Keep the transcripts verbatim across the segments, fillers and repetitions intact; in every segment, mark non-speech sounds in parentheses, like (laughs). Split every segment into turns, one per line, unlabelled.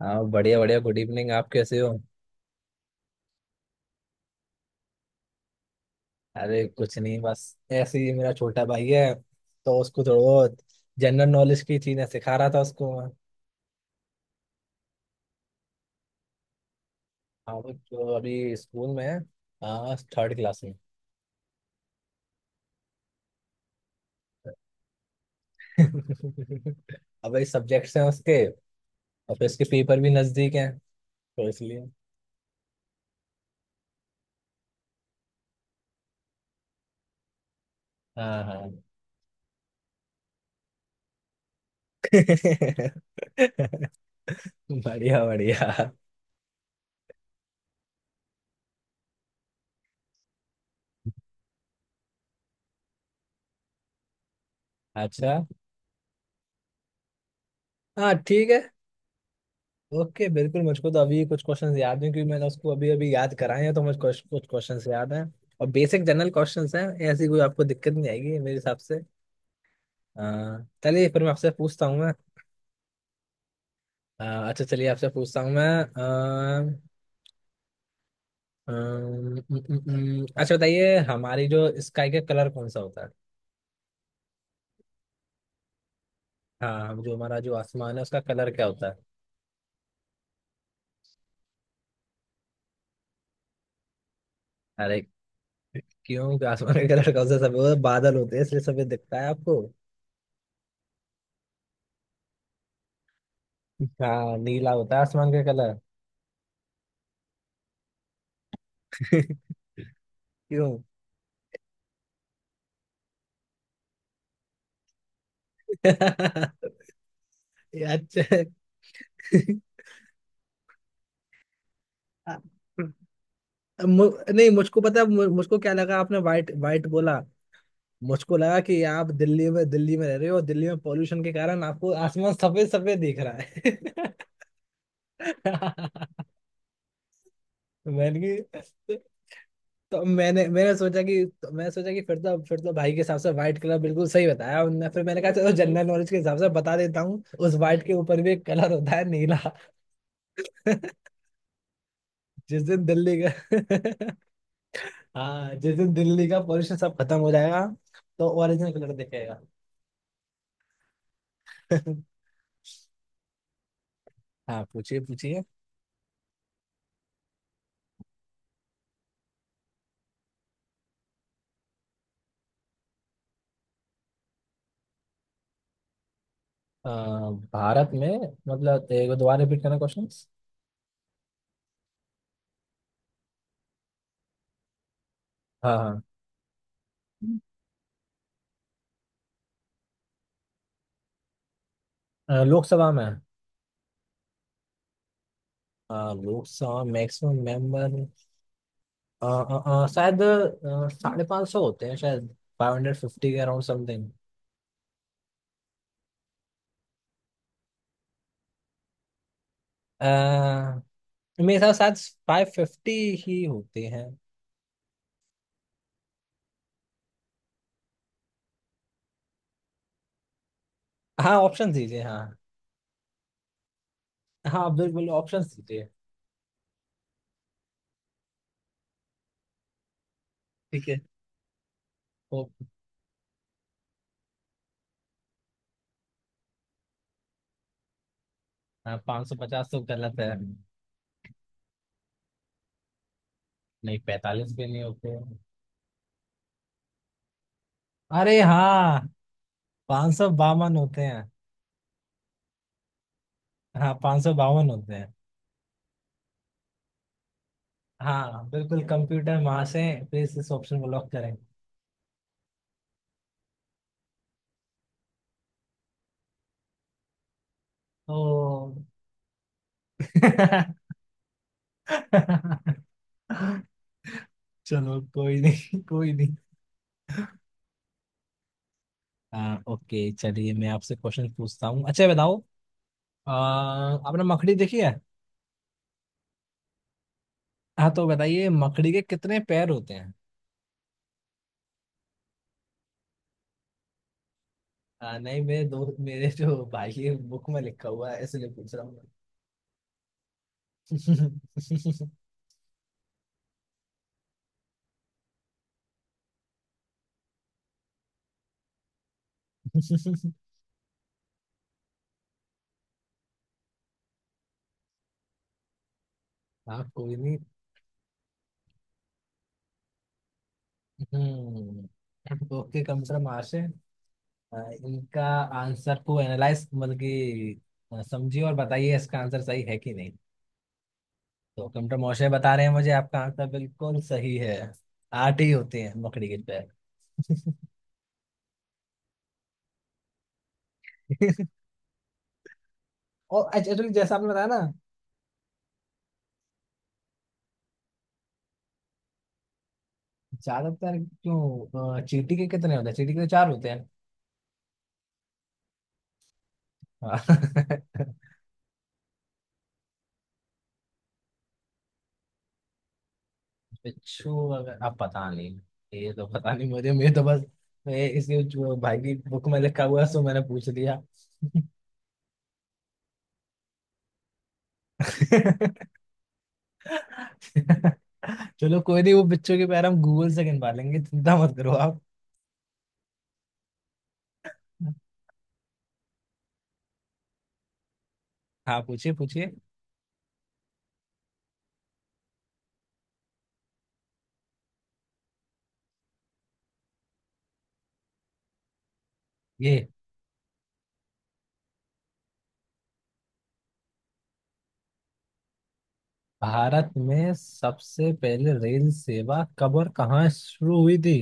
हाँ, बढ़िया बढ़िया, गुड इवनिंग। आप कैसे हो? अरे कुछ नहीं, बस ऐसे ही। मेरा छोटा भाई है तो उसको थोड़ा बहुत जनरल नॉलेज की चीजें सिखा रहा था उसको मैं। हाँ, वो जो अभी स्कूल में है। हाँ, थर्ड क्लास में। (laughs) अब ये सब्जेक्ट्स हैं उसके। और फिर उसके पेपर भी नजदीक हैं, तो इसलिए। हाँ, हाँ। (laughs) बढ़िया बढ़िया। अच्छा। हाँ, ठीक है। ओके, बिल्कुल, मुझको तो अभी कुछ क्वेश्चंस याद हैं क्योंकि मैंने उसको अभी अभी याद कराए हैं, तो मुझे कुछ कुछ क्वेश्चंस याद हैं। और बेसिक जनरल क्वेश्चंस हैं। ऐसी कोई आपको दिक्कत नहीं आएगी मेरे हिसाब से। अह, चलिए, फिर मैं आपसे पूछता हूँ मैं। अह, अच्छा, चलिए आपसे पूछता हूँ मैं। अह, अम, उम, उम, उम, अच्छा, बताइए, हमारी जो स्काई का कलर कौन सा होता है? हाँ, हम जो हमारा जो आसमान है उसका कलर क्या होता है? अरे, क्यों कि आसमान का कलर कौन सा? सफेद बादल होते हैं इसलिए सफेद दिखता है आपको। हाँ, नीला होता है आसमान का कलर। (laughs) क्यों? यार, च- मु, नहीं, मुझको पता है, मु- मुझको क्या लगा आपने वाइट वाइट बोला। मुझको लगा कि आप दिल्ली में दिल्ली में रह रहे हो, और दिल्ली में पॉल्यूशन के कारण आपको आसमान सफेद सफेद दिख रहा है। (laughs) मैंने कि- तो मैंने मैंने सोचा कि तो मैंने सोचा कि फिर तो फिर तो भाई के हिसाब से व्हाइट कलर बिल्कुल सही बताया उनने। फिर मैंने कहा चलो जनरल नॉलेज के हिसाब से बता देता हूँ, उस व्हाइट के ऊपर भी एक कलर होता है, नीला। (laughs) जिस दिन दिल्ली गए, हाँ, जिस दिन दिल्ली का पॉल्यूशन सब खत्म हो जाएगा तो ओरिजिनल कलर दिखेगा। (laughs) हाँ, पूछिए, पूछिए। अ, भारत में, मतलब एक बार दोबारा रिपीट करना क्वेश्चन। हाँ, हाँ। अ, लोकसभा में, अ, लोकसभा मैक्सिमम मेंबर, शायद अ, साढ़े पाँच सौ होते हैं शायद। फाइव हंड्रेड फिफ्टी के अराउंड समथिंग। मेरे हिसाब से शायद फाइव फिफ्टी ही होते हैं। हाँ, ऑप्शन दीजिए, हाँ। हाँ, आप बिल्कुल ऑप्शन दीजिए। ठीक है। वो, हाँ, पाँच सौ पचास तो गलत है। नहीं, पैतालीस भी नहीं होते। अरे हाँ, पाँच सौ बावन होते हैं। हाँ, पाँच सौ बावन होते हैं। हाँ, बिल्कुल, कंप्यूटर महाशय प्लीज इस ऑप्शन को लॉक करें। ओ! (laughs) चलो, कोई नहीं, कोई नहीं। हाँ, ओके, चलिए, मैं आपसे क्वेश्चन पूछता हूँ। अच्छा, बताओ, आ, आपने मकड़ी देखी है? हाँ, तो बताइए मकड़ी के कितने पैर होते हैं? आ, नहीं, मेरे दो मेरे जो भाई है बुक में लिखा हुआ है इसलिए पूछ रहा हूँ मैं। (laughs) हाँ, कोई नहीं। हम्म, ओके, कंप्यूटर मार्श है। अ, इनका आंसर को एनालाइज, मतलब कि अ, समझिए और बताइए इसका आंसर सही है कि नहीं। तो कंप्यूटर मॉडल बता रहे हैं मुझे, आपका आंसर बिल्कुल सही है। आठ ही होते हैं मकड़ी के पैर। (laughs) और अच्छा, actually जैसा आपने बताया ना, ज्यादातर। क्यों, अ, चींटी के कितने होते हैं? चींटी के तो चार होते हैं। हाँ। (laughs) बिच्छू अगर आप, पता नहीं, ये तो पता नहीं मुझे, मैं तो बस, मैं इसके जो भाई की बुक में लिखा हुआ है सो मैंने पूछ लिया। (laughs) चलो, कोई नहीं, वो बच्चों के पैर हम गूगल से गिनवा लेंगे, चिंता मत करो आप। हाँ, पूछिए, पूछिए। ये भारत में सबसे पहले रेल सेवा कब और कहाँ शुरू हुई थी?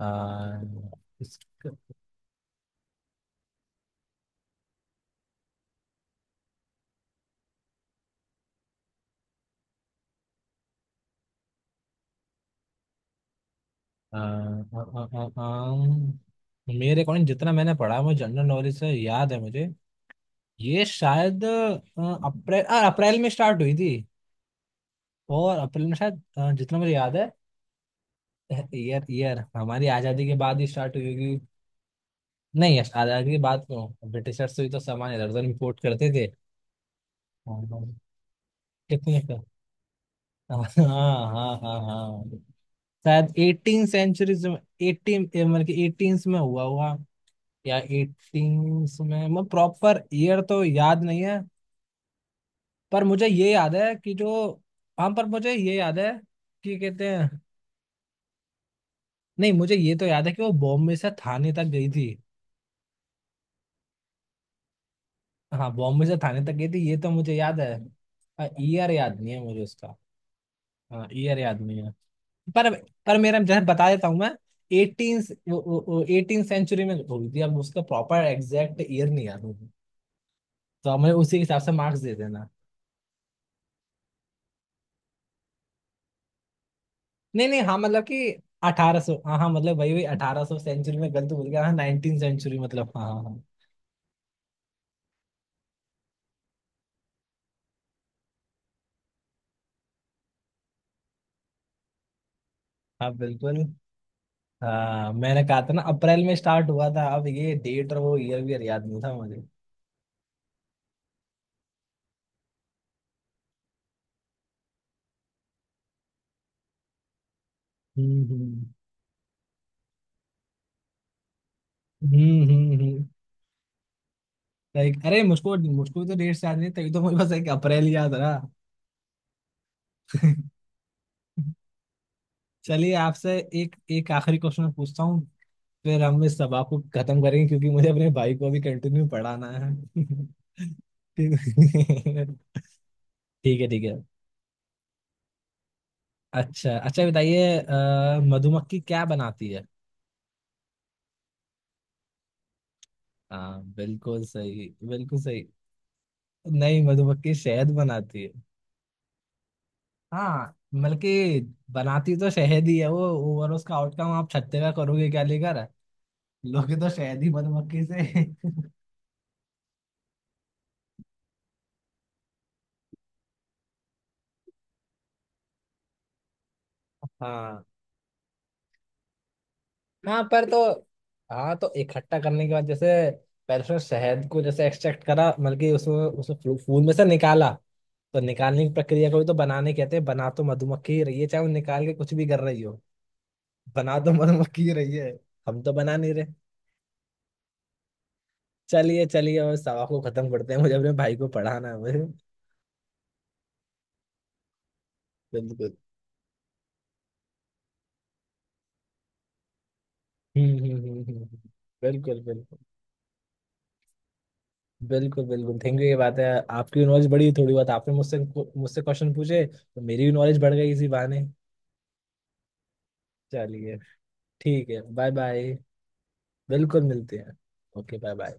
आ, इस, आ, आ, आ, आ, आ, मेरे अकॉर्डिंग जितना मैंने पढ़ा, मुझे जनरल नॉलेज से याद है मुझे, ये शायद अ, अप्रैल आ, अप्रैल में स्टार्ट हुई थी। और अप्रैल में शायद, अ, जितना मुझे याद है। ईयर, ईयर हमारी आजादी के बाद ही स्टार्ट हुई होगी। नहीं, यश, आजाद की बात क्यों, ब्रिटिशर्स भी तो सामान इधर उधर इम्पोर्ट करते थे। हाँ। कितने का? हाँ, हाँ, हाँ, हाँ, शायद एटीन सेंचुरीज में। एटीन मतलब कि एटीन्थ में हुआ हुआ, या एटीन में, मैं प्रॉपर ईयर तो याद नहीं है। पर मुझे ये याद है कि जो, हाँ, पर मुझे ये याद है कि कहते हैं, नहीं, मुझे ये तो याद है कि वो बॉम्बे से थाने तक गई थी। हाँ, बॉम्बे से थाने तक गई थी ये तो मुझे याद है। ईयर याद नहीं है मुझे उसका। हाँ, ईयर याद नहीं है। पर पर मेरा, जैसे बता देता हूँ मैं, एटीन एटीन सेंचुरी में हुई थी, अब उसका प्रॉपर एग्जैक्ट ईयर नहीं याद मुझे। तो हमें उसी के हिसाब से मार्क्स दे देना। नहीं नहीं, हाँ, मतलब कि अठारह सौ, हाँ हाँ, मतलब वही वही, अठारह सौ सेंचुरी में गलत बोल गया, हाँ, नाइनटीन सेंचुरी मतलब, हाँ, हाँ, हाँ। हाँ, बिल्कुल। हाँ, मैंने कहा था ना अप्रैल में स्टार्ट हुआ था, अब ये डेट और वो ईयर वीयर याद नहीं था मुझे। हम्म हम्म हम्म हम्म हम्म। लाइक, अरे, मुझको मुझको भी तो डेट याद नहीं, तभी तो मुझे बस एक अप्रैल याद रहा। चलिए, आपसे एक एक आखिरी क्वेश्चन पूछता हूँ। फिर हम इस सभा को खत्म करेंगे क्योंकि मुझे अपने भाई को अभी कंटिन्यू पढ़ाना है। (laughs) ठीक। ठीक है, ठीक है। अच्छा अच्छा, बताइए अ, मधुमक्खी क्या बनाती है? हाँ, बिल्कुल सही, बिल्कुल सही। नहीं, मधुमक्खी शहद बनाती है। हाँ, मतलब कि बनाती तो शहद ही है वो, ओवरऑल उसका आउटकम आप छत्ते का करोगे क्या लेकर? लोगे तो शहद ही मधुमक्खी से। (laughs) हाँ। हाँ, पर तो, हाँ, तो इकट्ठा करने के बाद जैसे, पहले उसने शहद को जैसे एक्सट्रैक्ट करा, मतलब कि उसमें उसमें फू- फूल में से निकाला। तो निकालने की प्रक्रिया को भी तो बनाने कहते हैं, बना तो मधुमक्खी ही रही है, चाहे वो निकाल के कुछ भी कर रही हो। बना तो मधुमक्खी ही रही है, हम तो बना नहीं रहे। चलिए, चलिए, और सवा को खत्म करते हैं, मुझे अपने भाई को पढ़ाना है मुझे। बिल्कुल। हम्म हम्म हम्म हम्म, हम्म। बिल्कुल बिल्कुल। बिल्कुल बिल्कुल, थैंक यू, ये बात है। आपकी नॉलेज बड़ी, थोड़ी बहुत आपने मुझसे मुझसे क्वेश्चन पूछे तो मेरी भी नॉलेज बढ़ गई इसी बहाने। चलिए, ठीक है, बाय बाय। बिल्कुल, मिलते हैं। Okay, bye bye.